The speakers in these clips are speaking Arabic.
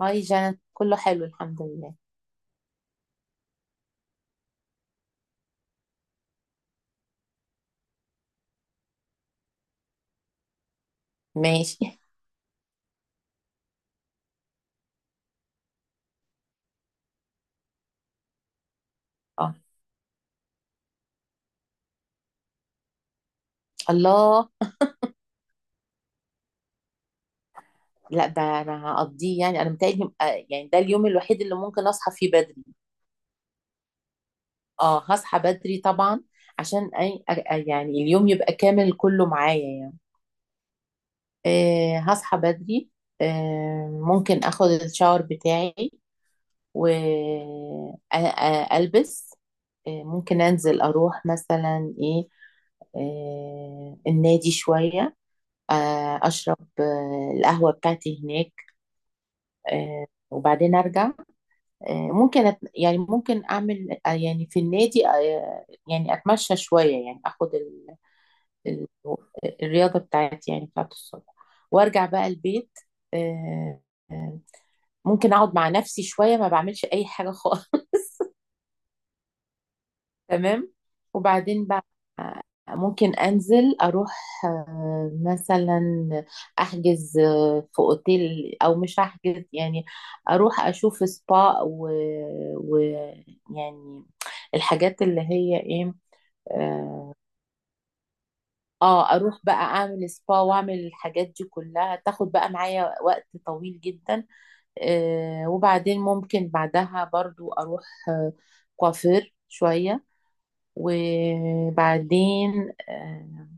هاي جنى، كله حلو الحمد لله. ماشي. اه. الله. لا، ده انا هقضيه، يعني انا متهيألي يعني ده اليوم الوحيد اللي ممكن اصحى فيه بدري. اه هصحى بدري طبعا، عشان أي يعني اليوم يبقى كامل كله معايا يعني. هصحى بدري. ممكن اخد الشاور بتاعي والبس. ممكن انزل اروح مثلا ايه، النادي شوية. أشرب القهوة بتاعتي هناك. وبعدين أرجع. ممكن يعني ممكن أعمل يعني في النادي يعني أتمشى شوية، يعني أخد ال... الرياضة بتاعتي، يعني بتاعت الصبح، وأرجع بقى البيت. آه، آه، ممكن أقعد مع نفسي شوية، ما بعملش أي حاجة خالص. تمام. وبعدين بقى ممكن انزل اروح مثلا احجز في اوتيل، او مش احجز، يعني اروح اشوف سبا و... و يعني الحاجات اللي هي ايه. اه اروح بقى اعمل سبا واعمل الحاجات دي كلها، تاخد بقى معايا وقت طويل جدا. وبعدين ممكن بعدها برضو اروح كوافير شوية. وبعدين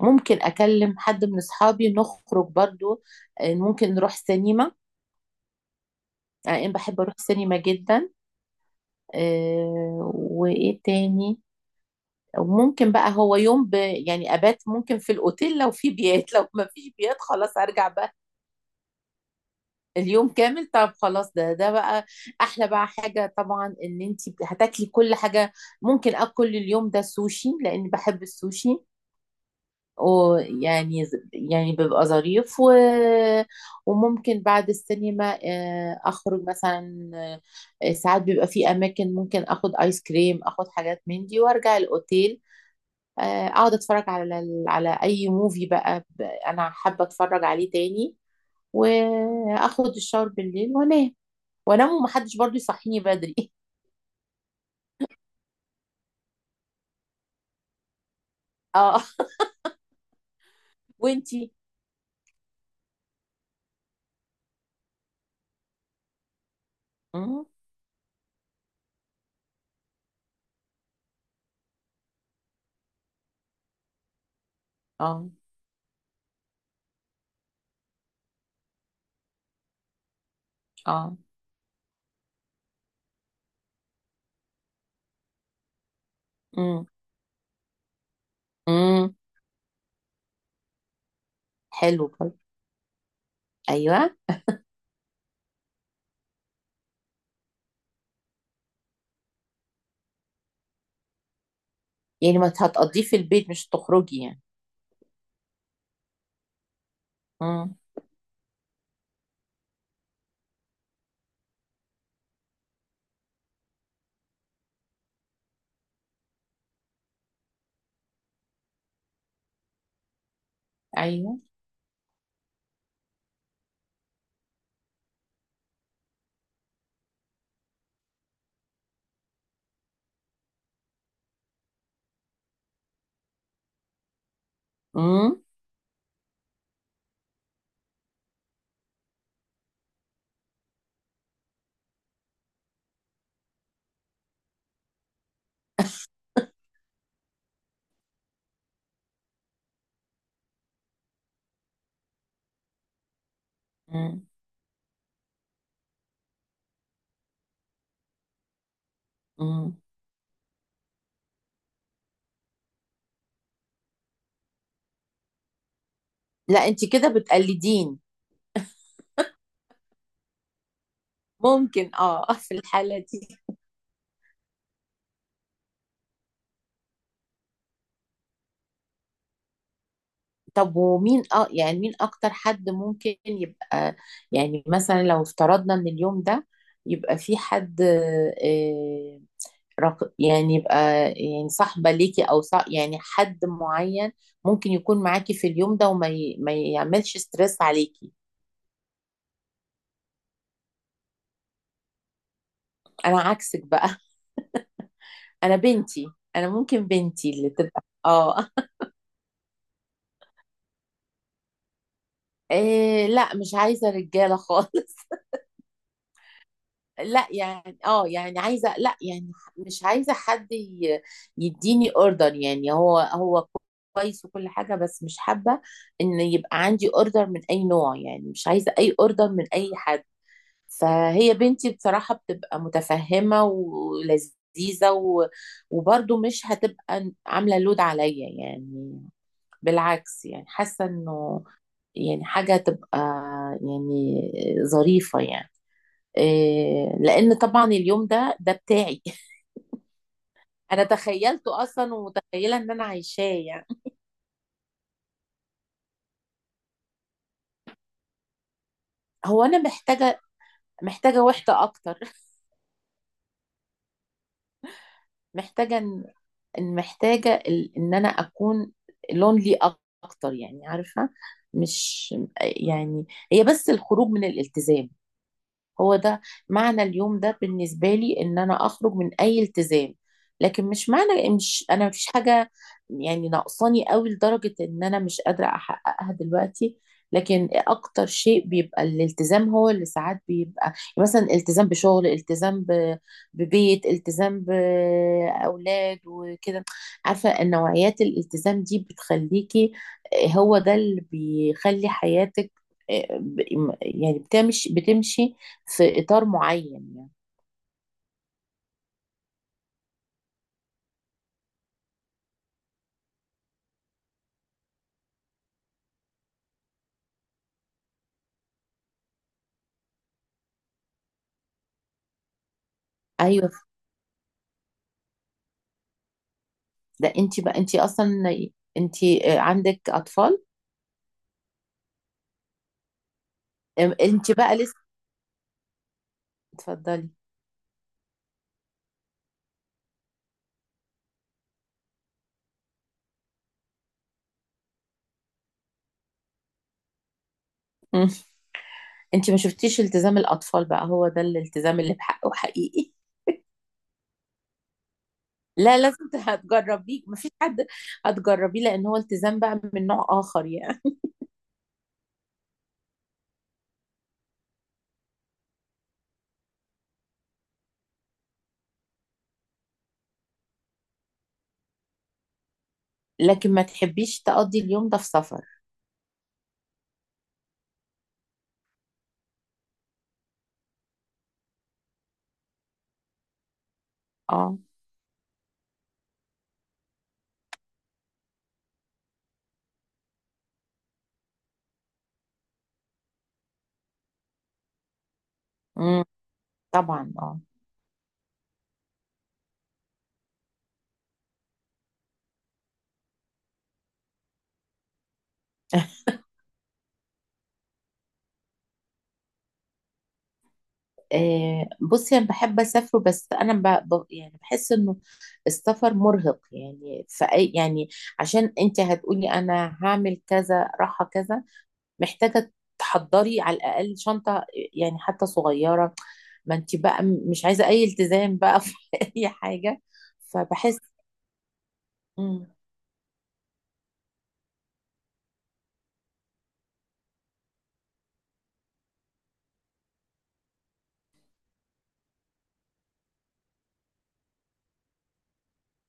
ممكن اكلم حد من اصحابي نخرج برضو، ممكن نروح سينما. انا بحب اروح سينما جدا. وايه تاني؟ وممكن بقى هو يوم يعني ابات ممكن في الاوتيل، لو في بيات لو ما فيش بيات خلاص ارجع بقى. اليوم كامل، طب خلاص، ده بقى احلى بقى حاجة، طبعا ان انت هتاكلي كل حاجة. ممكن اكل اليوم ده سوشي لان بحب السوشي، ويعني يعني بيبقى ظريف وممكن بعد السينما اخرج مثلا. ساعات بيبقى في اماكن ممكن اخد ايس كريم، اخد حاجات من دي وارجع الاوتيل. اقعد اتفرج على اي موفي بقى، انا حابه اتفرج عليه تاني، واخد الشاور بالليل وانام. وانام ومحدش برضو يصحيني بدري. اه. وانتي؟ مم، اه، اه. مم، مم، حلو برضو. ايوه. يعني ما هتقضيه في البيت، مش تخرجي يعني؟ امم. ايوه. امم. امم. امم. لا انت كده بتقلدين. ممكن اه في الحالة دي. طب ومين اه، يعني مين اكتر حد ممكن يبقى، يعني مثلا لو افترضنا ان اليوم ده يبقى في حد يعني يبقى، يعني صاحبة ليكي او صاح، يعني حد معين ممكن يكون معاكي في اليوم ده وما ما يعملش ستريس عليكي. انا عكسك بقى. انا بنتي، انا ممكن بنتي اللي تبقى اه. إيه، لا مش عايزه رجاله خالص. لا يعني اه يعني عايزه، لا يعني مش عايزه حد يديني اوردر، يعني هو كويس وكل حاجه، بس مش حابه ان يبقى عندي اوردر من اي نوع، يعني مش عايزه اي اوردر من اي حد. فهي بنتي بصراحه بتبقى متفهمه ولذيذه وبرضه مش هتبقى عامله لود عليا يعني، بالعكس يعني حاسه انه يعني حاجة تبقى يعني ظريفة يعني. إيه، لأن طبعا اليوم ده بتاعي. أنا تخيلته أصلا ومتخيلة إن أنا عايشاه يعني. هو أنا محتاجة، محتاجة وحدة أكتر. محتاجة إن محتاجة إن أنا أكون لونلي أكتر، يعني عارفة. مش يعني، هي بس الخروج من الالتزام، هو ده معنى اليوم ده بالنسبة لي، ان انا اخرج من اي التزام. لكن مش معنى مش انا مفيش حاجة يعني ناقصاني قوي لدرجة ان انا مش قادرة احققها دلوقتي. لكن اكتر شيء بيبقى الالتزام، هو اللي ساعات بيبقى، يعني مثلا التزام بشغل، التزام ببيت، التزام باولاد وكده. عارفة النوعيات الالتزام دي بتخليكي، هو ده اللي بيخلي حياتك، يعني بتمشي بتمشي في اطار معين يعني. ايوه. ده انت بقى، انت اصلا، انت عندك اطفال. انت بقى لسه. اتفضلي. مم. انت ما شفتيش التزام الاطفال بقى، هو ده الالتزام اللي بحقه حقيقي. لا لازم هتجربيه، مفيش حد، هتجربيه لان هو التزام بقى من نوع اخر يعني. لكن ما تحبيش تقضي اليوم ده في سفر؟ اه. امم. طبعا اه. آه، بصي، انا بحب اسافر، بس انا يعني بحس انه السفر مرهق، يعني فأي يعني. عشان انت هتقولي انا هعمل كذا راحة كذا، محتاجة تحضري على الاقل شنطة، يعني حتى صغيرة. ما انت بقى مش عايزة اي التزام بقى في اي حاجة. فبحس. مم.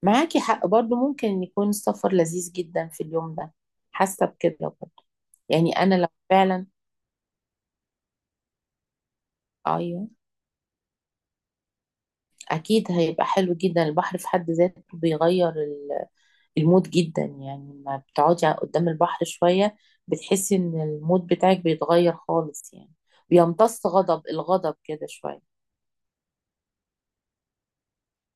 معاكي حق، برضو ممكن يكون السفر لذيذ جدا في اليوم ده، حاسة بكده برضو. يعني انا لو فعلا. ايوه. أكيد هيبقى حلو جدا، البحر في حد ذاته بيغير المود جدا، يعني لما بتقعدي قدام البحر شوية بتحسي إن المود بتاعك بيتغير خالص يعني، بيمتص الغضب كده شوية.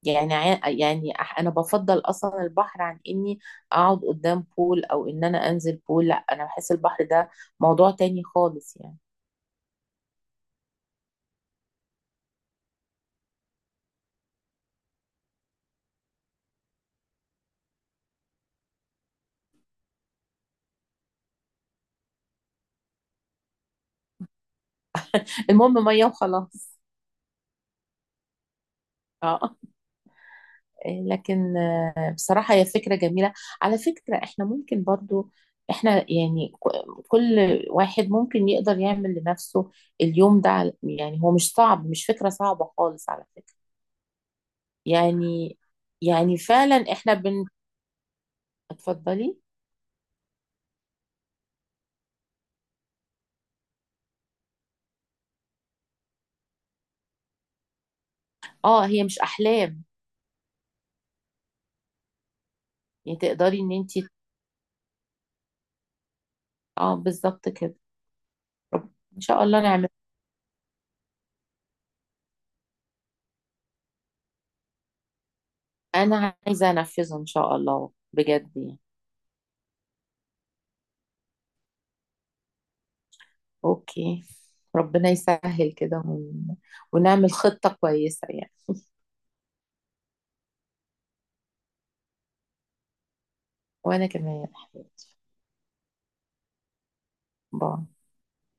يعني يعني أنا بفضل أصلا البحر عن إني أقعد قدام بول، أو إن أنا أنزل بول، لا أنا بحس البحر ده موضوع تاني خالص يعني. المهم مية وخلاص. اه. لكن بصراحة هي فكرة جميلة. على فكرة احنا ممكن برضو، احنا يعني كل واحد ممكن يقدر يعمل لنفسه اليوم ده على، يعني هو مش صعب، مش فكرة صعبة خالص على فكرة. يعني يعني فعلا احنا اتفضلي. اه هي مش احلام. يعني تقدري ان انت. اه بالظبط كده. ان شاء الله نعمل. انا عايزة انفذه ان شاء الله بجد يعني. اوكي. ربنا يسهل كده ونعمل خطة كويسة يعني. وأنا كمان يا حبيبتي. باي.